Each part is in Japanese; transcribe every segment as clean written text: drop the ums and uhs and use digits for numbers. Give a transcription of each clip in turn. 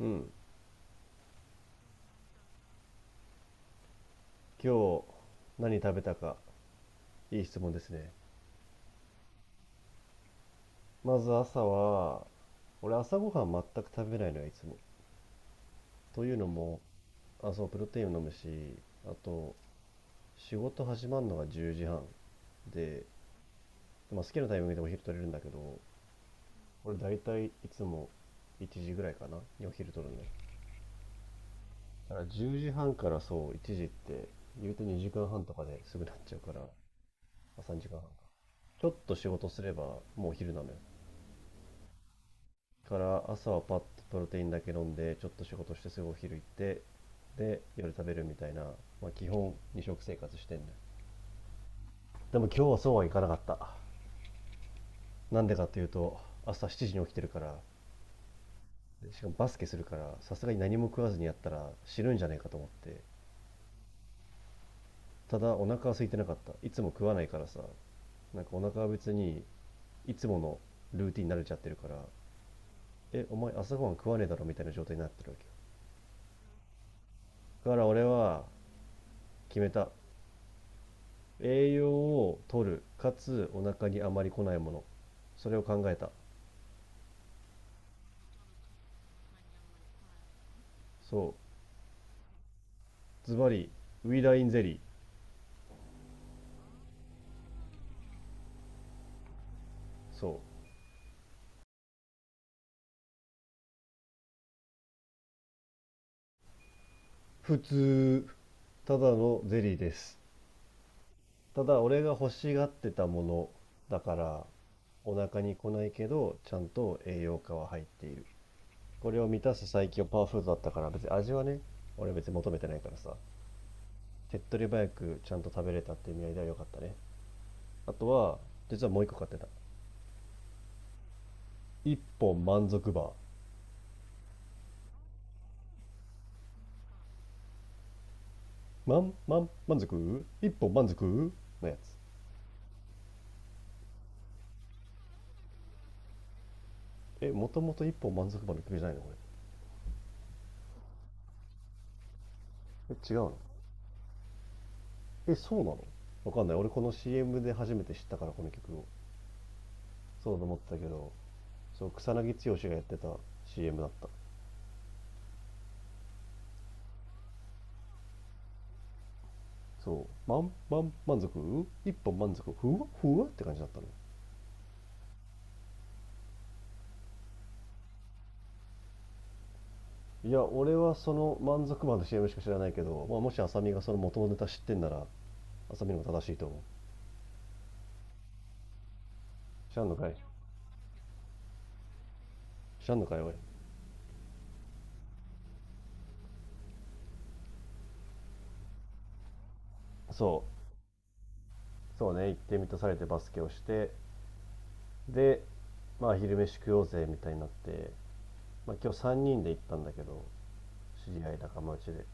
うん。今日何食べたか、いい質問ですね。まず朝は、俺朝ごはん全く食べないのよ、いつも。というのも、あ、そう、プロテインを飲むし、あと、仕事始まるのが10時半。で、まあ、好きなタイミングでお昼取れるんだけど、俺大体いつも1時ぐらいかな、にお昼取るんだよ。だから10時半からそう、1時って、言うと2時間半とかですぐなっちゃうから、まあ3時間かんはんか。ちょっと仕事すればもうお昼なのよ。から朝はパッとプロテインだけ飲んでちょっと仕事してすぐお昼行って、で夜食べるみたいな、まあ、基本二食生活してんの。でも今日はそうはいかなかった。なんでかっていうと、朝7時に起きてるから。でしかもバスケするから、さすがに何も食わずにやったら死ぬんじゃねえかと思って、ただお腹は空いてなかった。いつも食わないからさ、なんかお腹は別にいつものルーティンに慣れちゃってるから、えお前朝ごはん食わねえだろみたいな状態になってるわけよ。だから俺は決めた。栄養を取る、かつお腹にあまり来ないもの。それを考えた。そう。ズバリ、ウイダインゼリー。そう。普通。ただのゼリーです。ただ、俺が欲しがってたものだから、お腹に来ないけど、ちゃんと栄養価は入っている。これを満たす最強パワーフードだったから、別に味はね、俺別に求めてないからさ。手っ取り早くちゃんと食べれたって意味合いでは良かったね。あとは、実はもう一個買ってた。一本満足バー。満満満足一本満足のやつ。え、もともと一本満足版の曲じゃないのこれ。え、違うの？え、そうなの？わかんない。俺この CM で初めて知ったから、この曲を。そうと思ったけど、そう、草薙剛がやってた CM だった。そう、満満満足一本満足ふわふわって感じだったの。いや、俺はその満足版の CM しか知らないけど、まあ、もし浅見がその元のネタ知ってんなら、浅見のも正しいと思う。知らんのかい、知らんのかいおい。そう、そうね、行ってみたされてバスケをして、で、まあ、昼飯食おうぜみたいになって、まあ、今日3人で行ったんだけど、知り合い仲間内で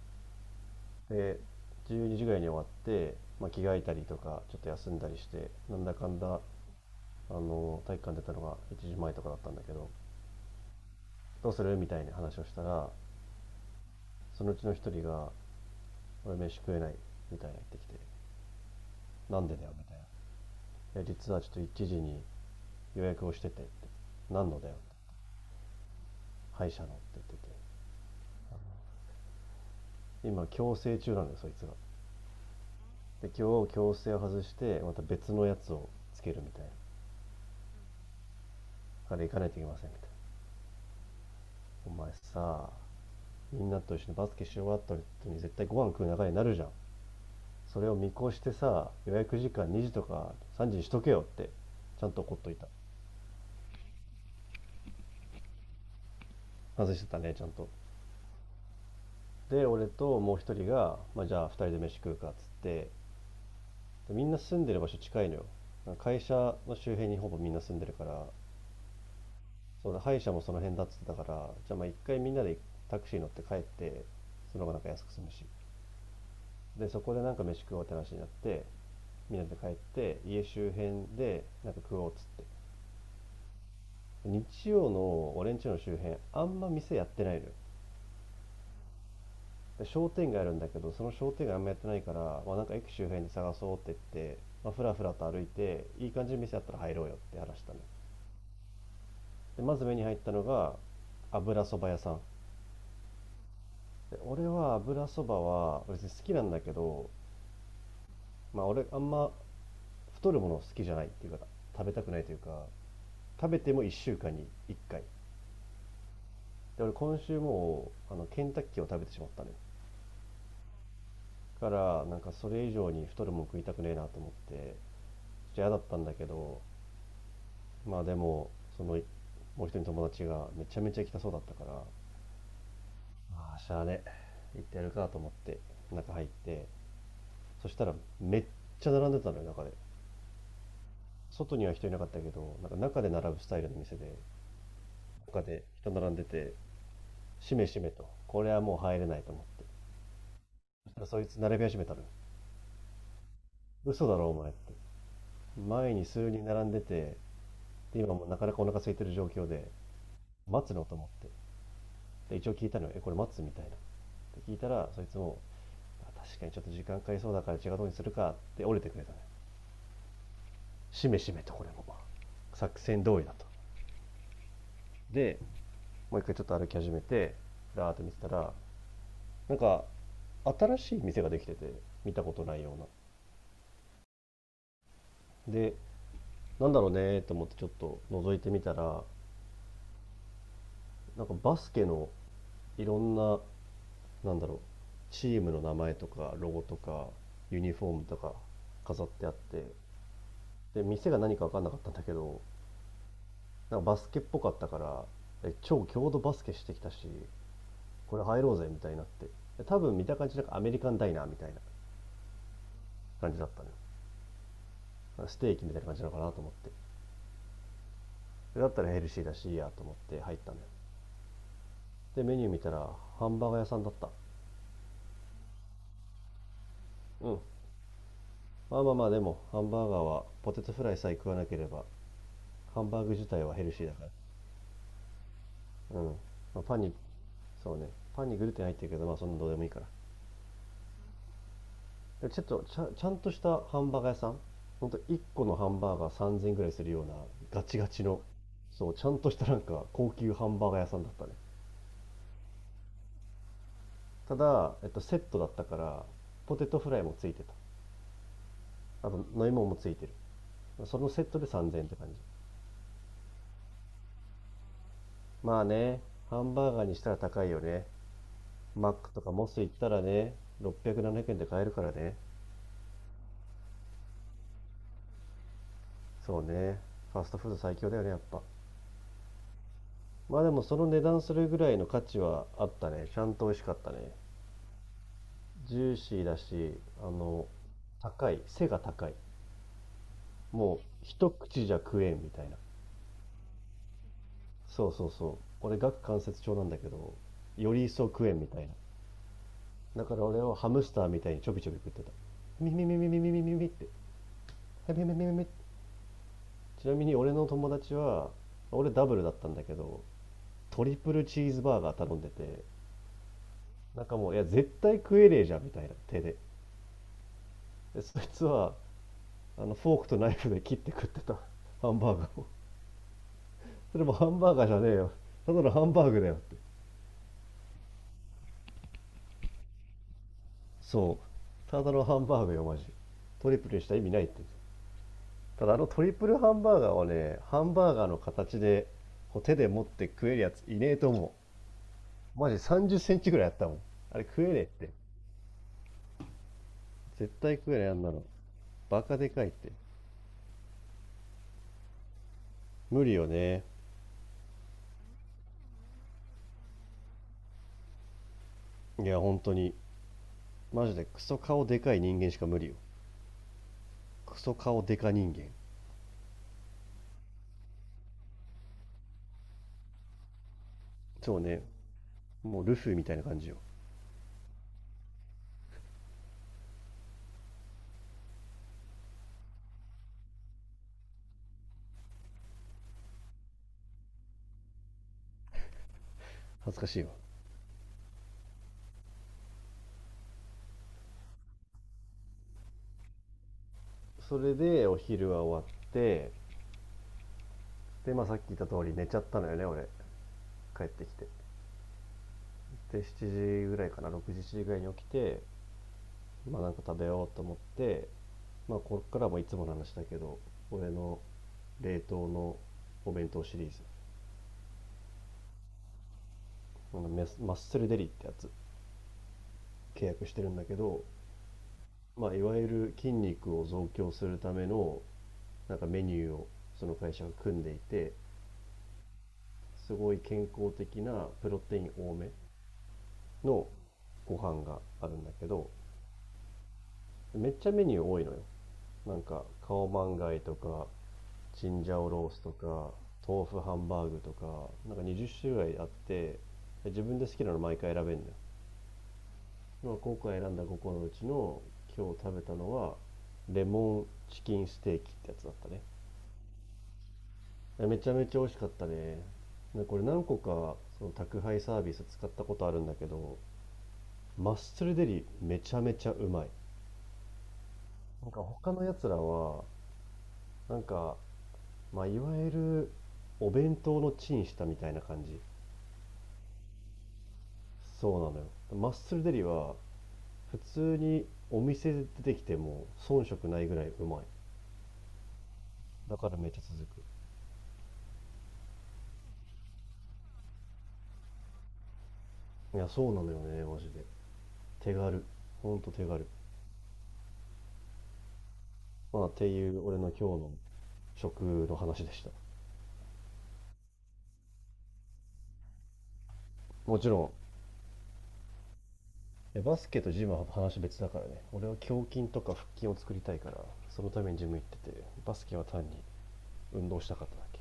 で12時ぐらいに終わって、まあ、着替えたりとかちょっと休んだりして、なんだかんだあの体育館出たのが1時前とかだったんだけど、どうするみたいな話をしたら、そのうちの一人が「俺飯食えない」みたいな言ってきて、「なんでだよ」みたいな、「いや実はちょっと1時に予約をしてて」って。「何のだよ」「歯医者の」って言ってて、今矯正中なのよそいつが。で今日強制を外してまた別のやつをつけるみたいな、あれ行かないといけませんみたいな。お前さ、みんなと一緒にバスケし終わった後に絶対ご飯食う流れになるじゃん。それを見越してさ、予約時間2時とか3時にしとけよって、ちゃんと怒っといた。外してたねちゃんと。で俺ともう一人が、まあ、じゃあ二人で飯食うかっつって、でみんな住んでる場所近いのよ、会社の周辺にほぼみんな住んでるから。そうだ、歯医者もその辺だっつってたから、じゃあまあ一回みんなでタクシー乗って帰って、その方がなんか安く済むし。で、そこでなんか飯食おうって話になって、みんなで帰って、家周辺でなんか食おうっつって。日曜の俺ん家の周辺、あんま店やってないのよ。で商店街あるんだけど、その商店街あんまやってないから、まあなんか駅周辺で探そうって言って、まあふらふらと歩いて、いい感じの店あったら入ろうよって話したの。で、まず目に入ったのが、油そば屋さん。で俺は油そばは別に好きなんだけど、まあ俺あんま太るもの好きじゃないっていうか、食べたくないというか、食べても1週間に1回。で、俺今週もうあのケンタッキーを食べてしまったね。だからなんかそれ以上に太るもん食いたくねえなと思って、ちょっと嫌だったんだけど、まあでも、そのもう一人の友達がめちゃめちゃ来きたそうだったから、ああ、しゃあね、行ってやるかと思って中入って、そしたらめっちゃ並んでたのよ、中で。外には人いなかったけど、なんか中で並ぶスタイルの店で、他で人並んでて、しめしめと、これはもう入れないと思って。そしたらそいつ並び始めたの。嘘だろお前って。前に数人並んでて、で今もうなかなかお腹空いてる状況で、待つのと思って。で一応聞いたのよ、え、これ待つみたいな。で聞いたら、そいつも、確かにちょっと時間かかりそうだから違うとうにするかって折れてくれたね。しめしめとこれも。作戦通りだと。で、もう一回ちょっと歩き始めて、だーっと見てたら、なんか新しい店ができてて、見たことないような。でなんだろうねと思ってちょっと覗いてみたら、なんかバスケのいろんな、なんだろう、チームの名前とかロゴとかユニフォームとか飾ってあって、で店が何か分かんなかったんだけど、なんかバスケっぽかったから、え超強度バスケしてきたし、これ入ろうぜみたいになって、で多分見た感じなんかアメリカンダイナーみたいな感じだったの、ね、ステーキみたいな感じなのかなと思って、だったらヘルシーだしいいやと思って入ったのよ。でメニュー見たら、ハンバーガー屋さんだった。うん。まあまあまあでもハンバーガーはポテトフライさえ食わなければ、ハンバーグ自体はヘルシーだから、うん、まあ、パンに、そうね、パンにグルテン入ってるけど、まあそんなどうでもいいから。でちょっとちゃんとしたハンバーガー屋さん、ほんと1個のハンバーガー3000ぐらいするような、ガチガチの、そうちゃんとしたなんか高級ハンバーガー屋さんだったね。ただ、セットだったから、ポテトフライもついてた。あと飲み物もついてる。そのセットで3000円って感じ。まあね、ハンバーガーにしたら高いよね。マックとかモス行ったらね、600、7円で買えるからね。そうね。ファストフード最強だよね、やっぱ。まあでもその値段するぐらいの価値はあったね。ちゃんと美味しかったね。ジューシーだし、高い。背が高い。もう一口じゃ食えんみたいな。そうそうそう。俺、顎関節症なんだけど、より一層食えんみたいな。だから俺はハムスターみたいにちょびちょび食ってた。ミミミミミミミミミって。へめめめめ。ちなみに俺の友達は、俺ダブルだったんだけど、トリプルチーズバーガー頼んでて、なんかもういや絶対食えねえじゃんみたいな手で。でそいつはあのフォークとナイフで切って食ってた、ハンバーガーを。それもハンバーガーじゃねえよ、ただのハンバーグだよって。そうただのハンバーグよマジ、トリプルにした意味ないって。ただあのトリプルハンバーガーはね、ハンバーガーの形でこう手で持って食えるやついねえと思う、マジ30センチぐらいあったもん。あれ食えねえって、絶対食えないあんなの、バカでかいって。無理よね。いや本当に、マジでクソ顔でかい人間しか無理よ、クソ顔でか人間。そうね、もうルフィみたいな感じよ。恥ずかしいわ。それでお昼は終わって、でまあさっき言った通り寝ちゃったのよね俺、帰ってきて。で7時ぐらいかな、6時7時ぐらいに起きて、まあなんか食べようと思って、まあこっからもいつもの話だけど、俺の冷凍のお弁当シリーズ、あのマッスルデリってやつ契約してるんだけど、まあ、いわゆる筋肉を増強するためのなんかメニューをその会社が組んでいて、すごい健康的なプロテイン多めのご飯があるんだけど、めっちゃメニュー多いのよ。なんかカオマンガイとか、チンジャオロースとか、豆腐ハンバーグとか、なんか20種類あって、自分で好きなの毎回選べるんだよ。まあ、今回選んだ5個のうちの今日食べたのはレモンチキンステーキってやつだったね。めちゃめちゃ美味しかったね。これ何個かその宅配サービス使ったことあるんだけど、マッスルデリめちゃめちゃうまい。なんか他のやつらは、なんか、まあ、いわゆるお弁当のチンしたみたいな感じ。そうなのよ。マッスルデリは普通にお店で出てきても遜色ないぐらいうまい。だからめっちゃ続く。いや、そうなのよね、マジで。手軽。ほんと手軽。まあ、っていう俺の今日の食の話でした。もちろん、バスケとジムは話別だからね。俺は胸筋とか腹筋を作りたいからそのためにジム行ってて、バスケは単に運動したかっただけ。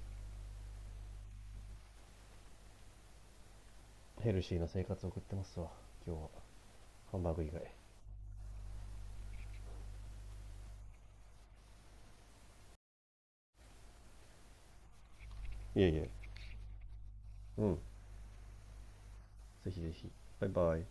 ヘルシーな生活を送ってますわ、今日はハンバーグ以外。いえいえ。うん。ぜひぜひ。バイバイ。